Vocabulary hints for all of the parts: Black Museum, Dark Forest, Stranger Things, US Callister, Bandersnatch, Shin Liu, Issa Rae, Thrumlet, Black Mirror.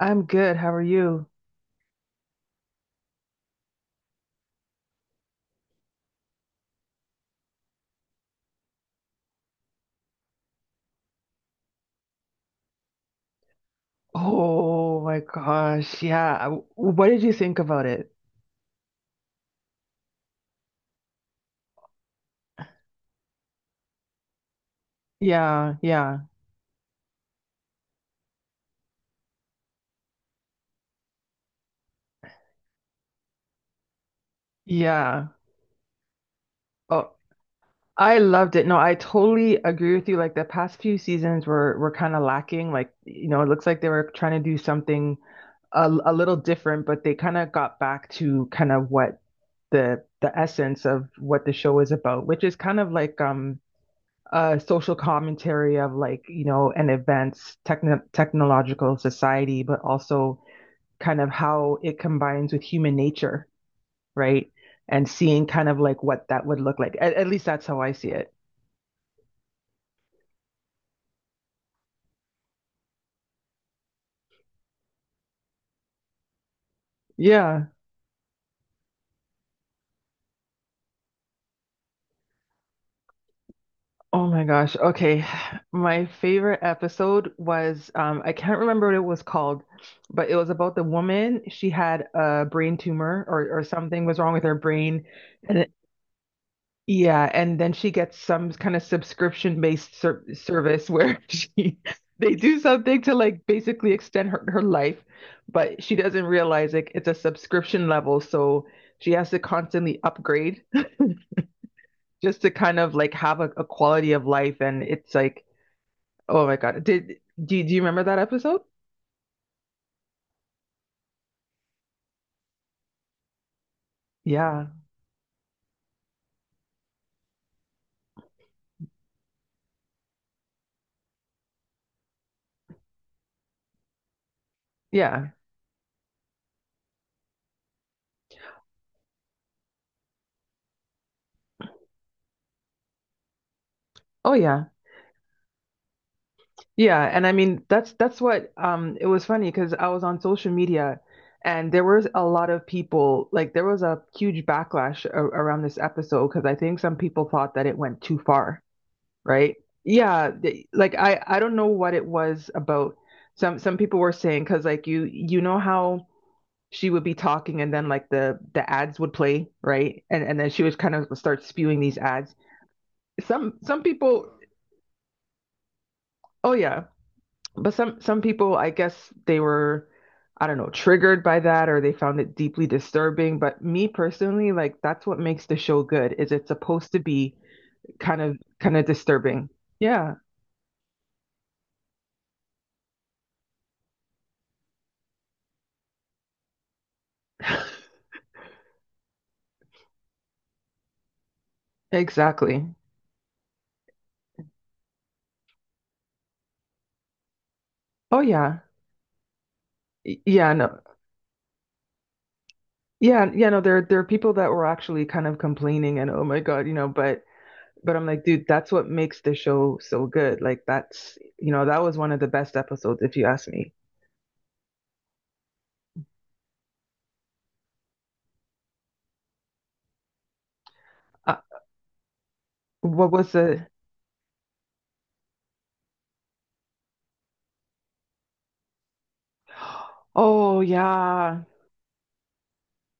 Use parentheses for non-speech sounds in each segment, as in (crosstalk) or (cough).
I'm good. How are you? Oh my gosh. Yeah. What did you think about it? Yeah, yeah, yeah. Oh, I loved it. No, I totally agree with you. Like the past few seasons were kind of lacking. Like, you know, it looks like they were trying to do something a little different, but they kind of got back to kind of what the essence of what the show is about, which is kind of like a social commentary of like, you know, an advanced technological society, but also kind of how it combines with human nature, right? And seeing kind of like what that would look like. At least that's how I see it. Yeah. Oh my gosh. Okay. (sighs) My favorite episode was I can't remember what it was called, but it was about the woman. She had a brain tumor or something was wrong with her brain. And. Yeah, and then she gets some kind of subscription-based service where (laughs) she they do something to like basically extend her life, but she doesn't realize like it's a subscription level, so she has to constantly upgrade (laughs) just to kind of like have a quality of life and it's like oh my God. Did do you remember that episode? Yeah. Yeah. Oh yeah. Yeah, and I mean that's what it was funny because I was on social media and there was a lot of people like there was a huge backlash a around this episode because I think some people thought that it went too far, right? Yeah, like I don't know what it was about. Some people were saying because like you know how she would be talking and then like the ads would play, right? And then she would kind of start spewing these ads. Some people, oh yeah. But some people, I guess they were, I don't know, triggered by that or they found it deeply disturbing. But me personally, like that's what makes the show good, is it's supposed to be kind of disturbing. Yeah, exactly. Oh yeah. Y- Yeah, no. Yeah, yeah, no, there are people that were actually kind of complaining and oh my God, you know, but I'm like, dude, that's what makes the show so good. Like that's, you know, that was one of the best episodes if you ask me. Uh, what was the (gasps) Oh yeah.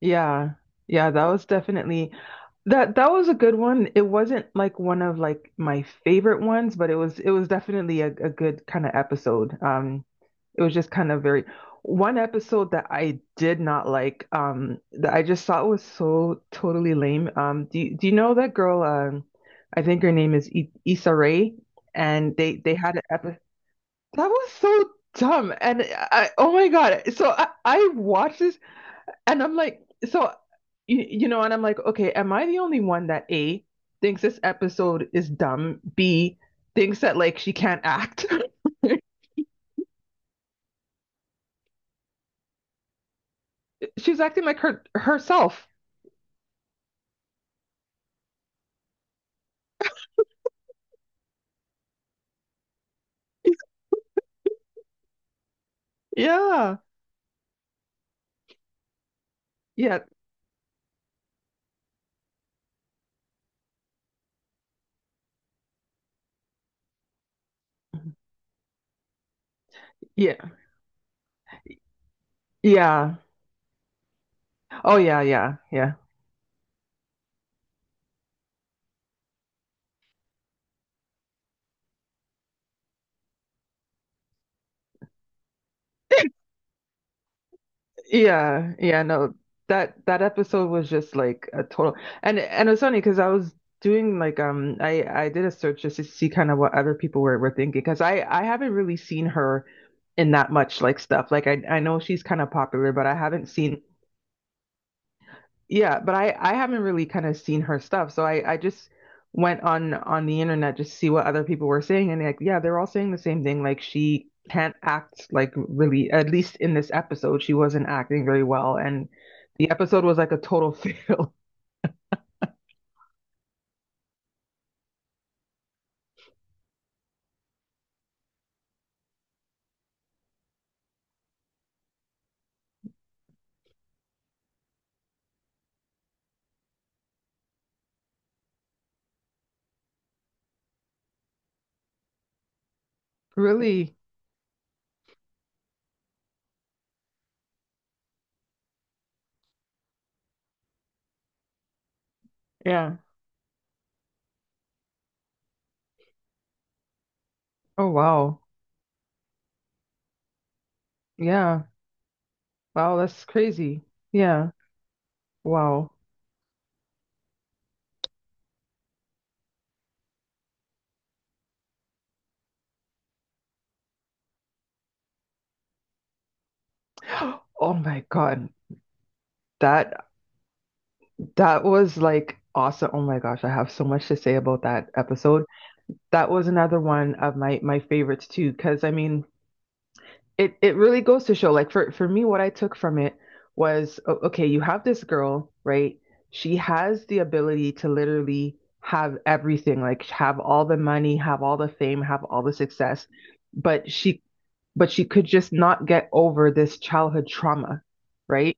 Yeah. Yeah, that was definitely that was a good one. It wasn't like one of like my favorite ones, but it was definitely a good kind of episode. It was just kind of very one episode that I did not like that I just thought was so totally lame. Do you know that girl I think her name is I Issa Rae and they had an episode that was so dumb and I oh my God. So I watched this and I'm like, so you know, and I'm like, okay, am I the only one that A thinks this episode is dumb? B thinks that like she can't act. (laughs) She's acting like herself. (laughs) Yeah. Yeah. Yeah. Yeah. Oh yeah, yeah, yeah. (laughs) Yeah, yeah, no. That that episode was just like a total and it was funny because I was doing like I did a search just to see kind of what other people were thinking because I haven't really seen her in that much like stuff. Like I know she's kind of popular, but I haven't seen yeah, but I haven't really kind of seen her stuff, so I just went on the internet just to see what other people were saying, and like yeah, they're all saying the same thing. Like she can't act like really, at least in this episode, she wasn't acting very well, and the episode was like a total (laughs) fail. Really? Yeah. Oh wow. Yeah. Wow, that's crazy. Yeah. Wow. (gasps) Oh my God. That that was like awesome. Oh my gosh, I have so much to say about that episode. That was another one of my favorites too, because I mean, it really goes to show like for me what I took from it was okay, you have this girl, right? She has the ability to literally have everything, like have all the money, have all the fame, have all the success, but she but she could just not get over this childhood trauma, right?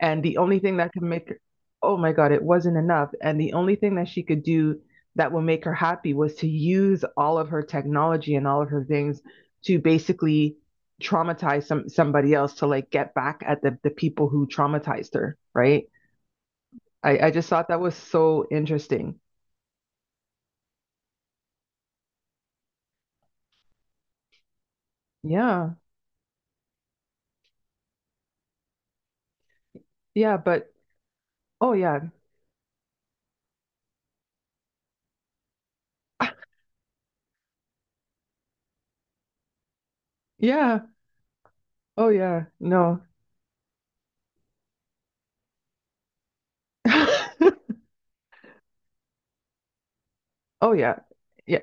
And the only thing that could make her, oh my God, it wasn't enough. And the only thing that she could do that would make her happy was to use all of her technology and all of her things to basically traumatize somebody else to like get back at the people who traumatized her, right? I just thought that was so interesting. Yeah. Yeah, but oh yeah. Yeah. Oh yeah. No. (laughs) Oh yeah. Yeah.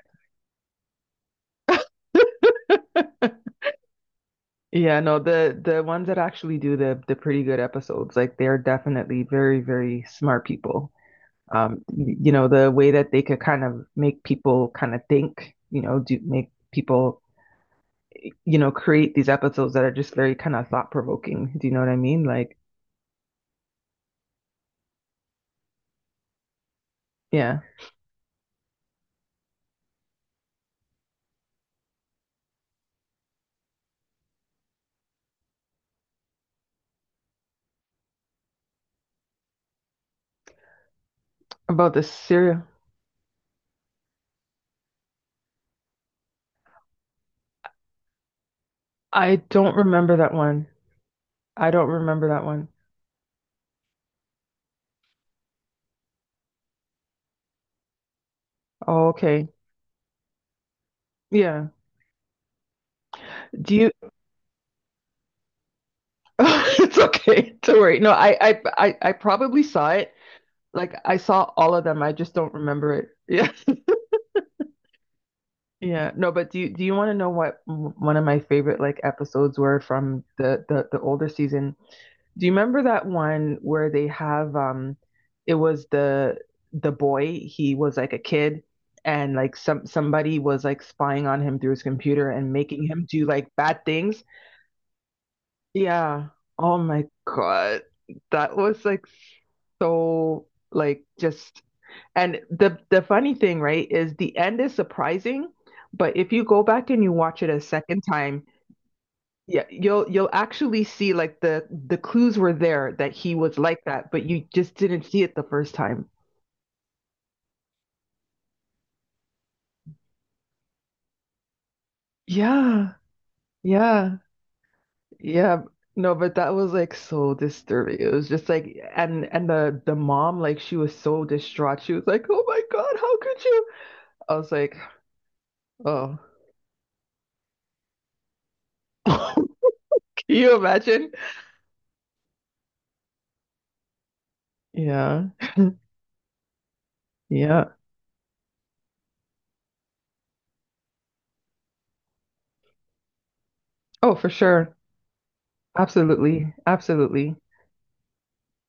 Yeah, no, the ones that actually do the pretty good episodes, like they're definitely very, very smart people. You know, the way that they could kind of make people kind of think, you know, do make people, you know, create these episodes that are just very kind of thought provoking. Do you know what I mean? Like, yeah. About the serial. I don't remember that one. I don't remember that one. Oh, okay. Yeah. Do you? (laughs) It's okay. Don't worry. No, I probably saw it. Like I saw all of them. I just don't remember it. (laughs) Yeah. Yeah. No, but do you want to know what one of my favorite like episodes were from the older season? Do you remember that one where they have it was the boy, he was like a kid and like somebody was like spying on him through his computer and making him do like bad things? Yeah. Oh my God. That was like so like just And the funny thing, right, is the end is surprising, but if you go back and you watch it a second time, yeah, you'll actually see like the clues were there that he was like that, but you just didn't see it the first time. Yeah, yeah, yeah. No, but that was like so disturbing. It was just like, and the mom, like she was so distraught. She was like, "Oh my God, how could you?" I was like, "Oh, (laughs) can you imagine?" Yeah, yeah. Oh, for sure. Absolutely, absolutely.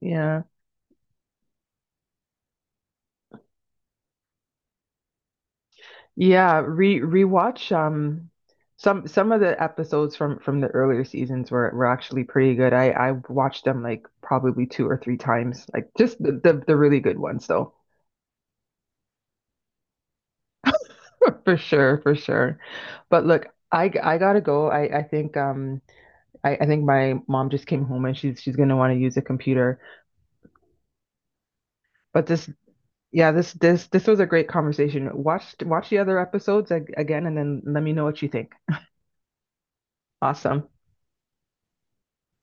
Yeah. Yeah, re rewatch some of the episodes from the earlier seasons were actually pretty good. I watched them like probably two or three times. Like just the really good ones though. (laughs) For sure, for sure. But look, I gotta go. I think I think my mom just came home and she's gonna want to use a computer. But this yeah, this was a great conversation. Watch the other episodes ag again and then let me know what you think. Awesome.